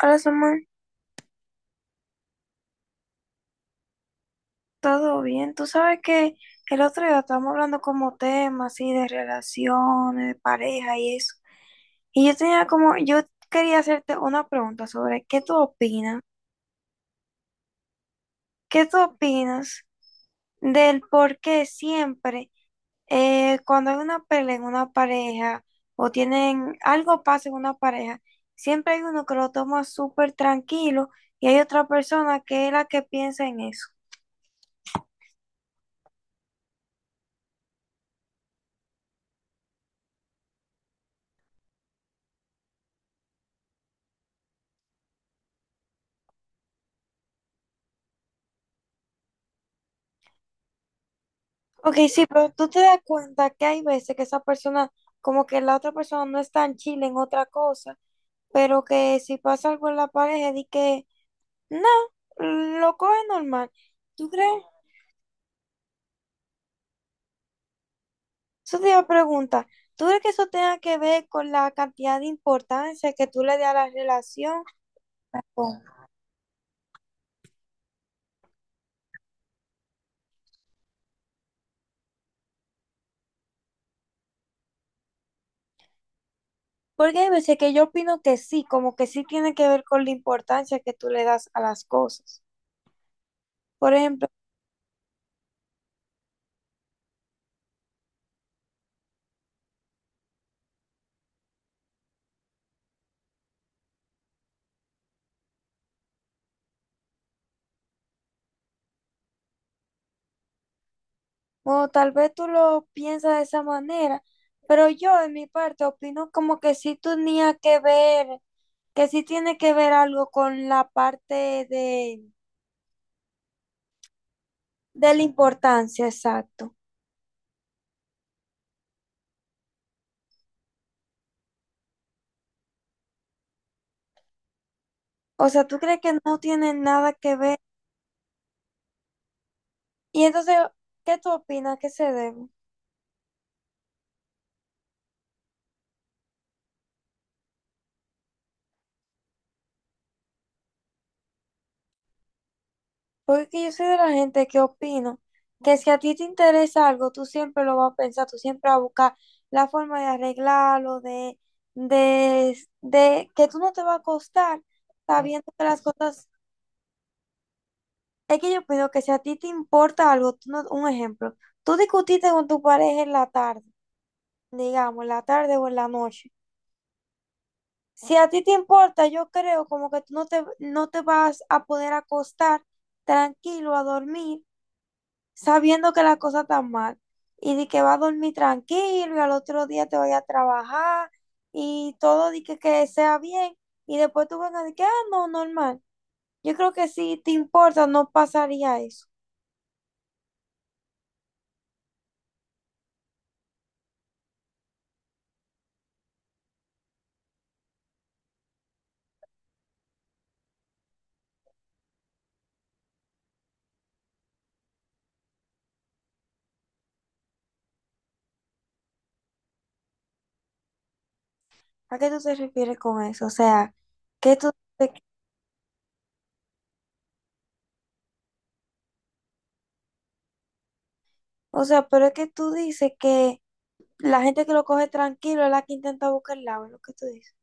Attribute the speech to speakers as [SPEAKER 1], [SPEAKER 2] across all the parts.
[SPEAKER 1] Hola, Samuel, ¿todo bien? Tú sabes que el otro día estábamos hablando como temas así de relaciones, de pareja y eso. Y yo tenía como, yo quería hacerte una pregunta sobre qué tú opinas, qué tú opinas del por qué siempre cuando hay una pelea en una pareja o tienen algo pasa en una pareja, siempre hay uno que lo toma súper tranquilo y hay otra persona que es la que piensa en eso. Ok, sí, pero tú te das cuenta que hay veces que esa persona, como que la otra persona no está en Chile en otra cosa, pero que si pasa algo en la pareja, di que no, lo coge normal. ¿Tú crees? Eso te iba a preguntar. ¿Tú crees que eso tenga que ver con la cantidad de importancia que tú le das a la relación? O- Porque hay veces que yo opino que sí, como que sí tiene que ver con la importancia que tú le das a las cosas. Por ejemplo, bueno, tal vez tú lo piensas de esa manera, pero yo en mi parte opino como que sí tenía que ver, que sí tiene que ver algo con la parte de la importancia, exacto. O sea, ¿tú crees que no tiene nada que ver? Y entonces, ¿qué tú opinas que se debe? Porque yo soy de la gente que opino que si a ti te interesa algo, tú siempre lo vas a pensar, tú siempre vas a buscar la forma de arreglarlo, de que tú no te va a costar sabiendo que las cosas... Es que yo opino que si a ti te importa algo, tú no- un ejemplo, tú discutiste con tu pareja en la tarde, digamos, en la tarde o en la noche. Si a ti te importa, yo creo como que tú no te, no te vas a poder acostar tranquilo a dormir sabiendo que la cosa está mal y de que va a dormir tranquilo y al otro día te vaya a trabajar y todo de que sea bien y después tú vengas de que, ah, no, normal. Yo creo que si te importa no pasaría eso. ¿A qué tú te refieres con eso? O sea, que tú, o sea, pero es que tú dices que la gente que lo coge tranquilo es la que intenta buscar el lado, es lo que tú dices.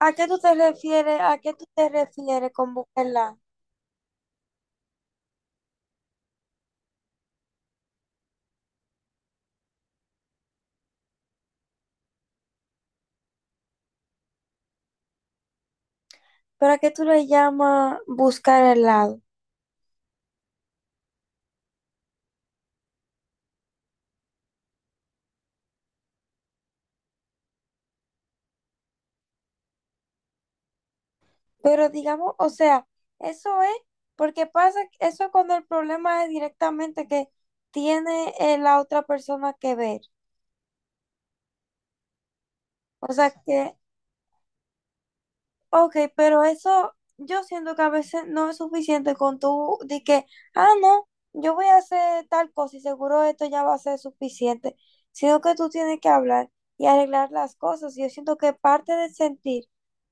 [SPEAKER 1] ¿A qué tú te refieres? ¿A qué tú te refieres con buscar el lado? ¿Pero a qué tú le llamas buscar el lado? Pero digamos, o sea, eso es porque pasa, eso es cuando el problema es directamente que tiene la otra persona que ver. O sea, que ok, pero eso yo siento que a veces no es suficiente con tú de que, ah, no, yo voy a hacer tal cosa y seguro esto ya va a ser suficiente, sino que tú tienes que hablar y arreglar las cosas. Y yo siento que parte del sentir,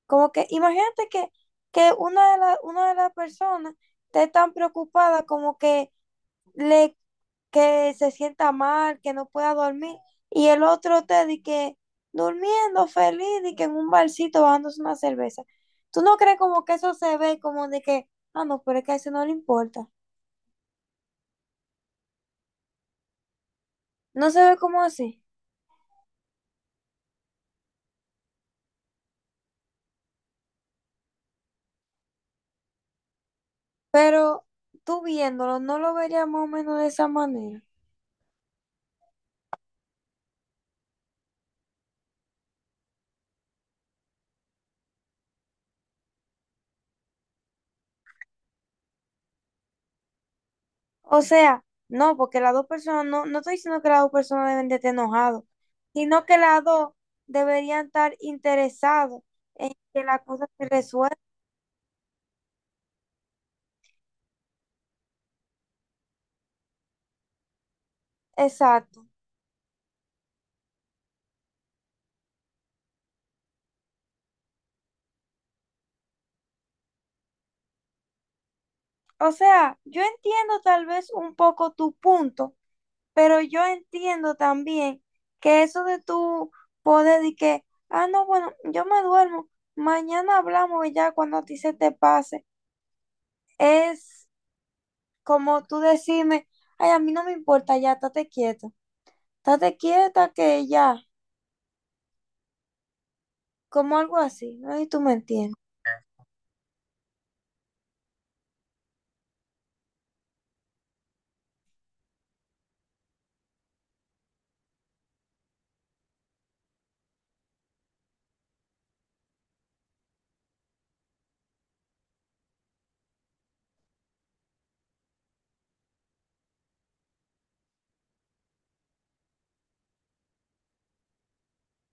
[SPEAKER 1] como que imagínate que una de las personas esté tan preocupada como que le que se sienta mal, que no pueda dormir, y el otro te di que durmiendo feliz, y que en un barcito bajándose una cerveza. ¿Tú no crees como que eso se ve como de que, ah, no, pero es que a ese no le importa? No se ve como así, pero tú viéndolo, no lo verías más o menos de esa manera. O sea, no, porque las dos personas, no, no estoy diciendo que las dos personas deben de estar enojados, sino que las dos deberían estar interesados en que la cosa se resuelva. Exacto. O sea, yo entiendo tal vez un poco tu punto, pero yo entiendo también que eso de tu poder y que, ah, no, bueno, yo me duermo, mañana hablamos y ya cuando a ti se te pase, es como tú decirme, ay, a mí no me importa, ya, estate quieta que ya, como algo así, ¿no? Y tú me entiendes.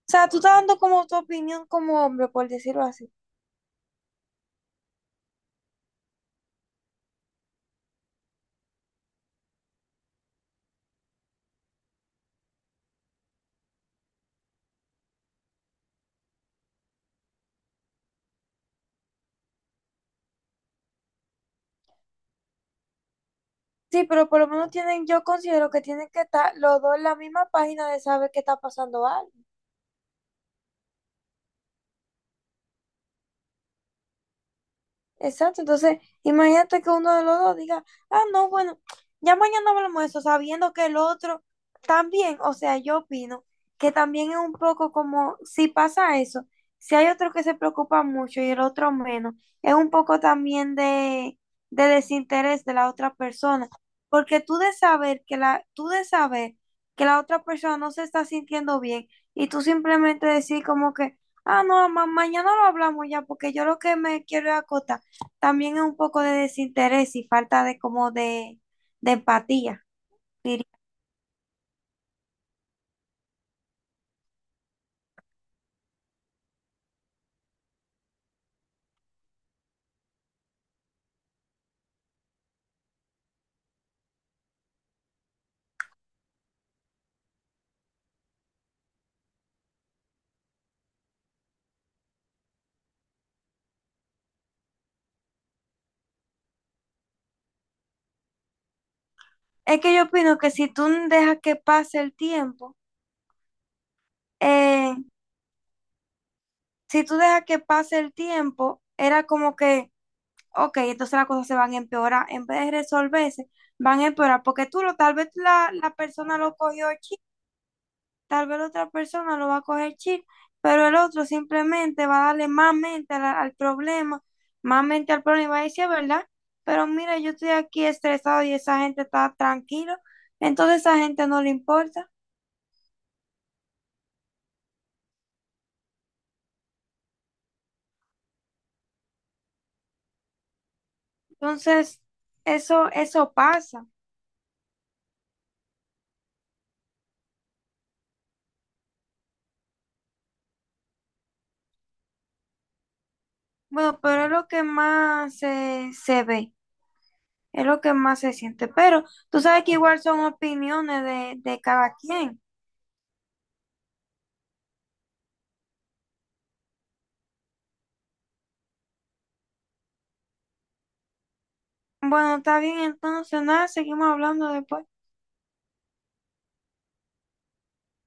[SPEAKER 1] O sea, tú estás dando como tu opinión como hombre, por decirlo así. Sí, pero por lo menos tienen, yo considero que tienen que estar los dos en la misma página de saber qué está pasando algo. Exacto, entonces imagínate que uno de los dos diga, ah, no, bueno, ya mañana hablamos de eso, sabiendo que el otro también, o sea, yo opino que también es un poco como si pasa eso, si hay otro que se preocupa mucho y el otro menos, es un poco también de desinterés de la otra persona, porque tú de saber que la otra persona no se está sintiendo bien y tú simplemente decir como que, ah, no, ma- mañana lo hablamos ya, porque yo lo que me quiero es acotar. También es un poco de desinterés y falta de como de empatía. Diría. Es que yo opino que si tú dejas que pase el tiempo, eh, si tú dejas que pase el tiempo, era como que, ok, entonces las cosas se van a empeorar. En vez de resolverse, van a empeorar porque tú lo, tal vez la persona lo cogió tal vez la otra persona lo va a coger chill, pero el otro simplemente va a darle más mente al problema, más mente al problema y va a decir, ¿verdad? Pero mira, yo estoy aquí estresado y esa gente está tranquila, entonces esa gente no le importa. Entonces, eso pasa. Bueno, pero es lo que más se ve, es lo que más se siente. Pero tú sabes que igual son opiniones de cada quien. Bueno, está bien, entonces nada, seguimos hablando después.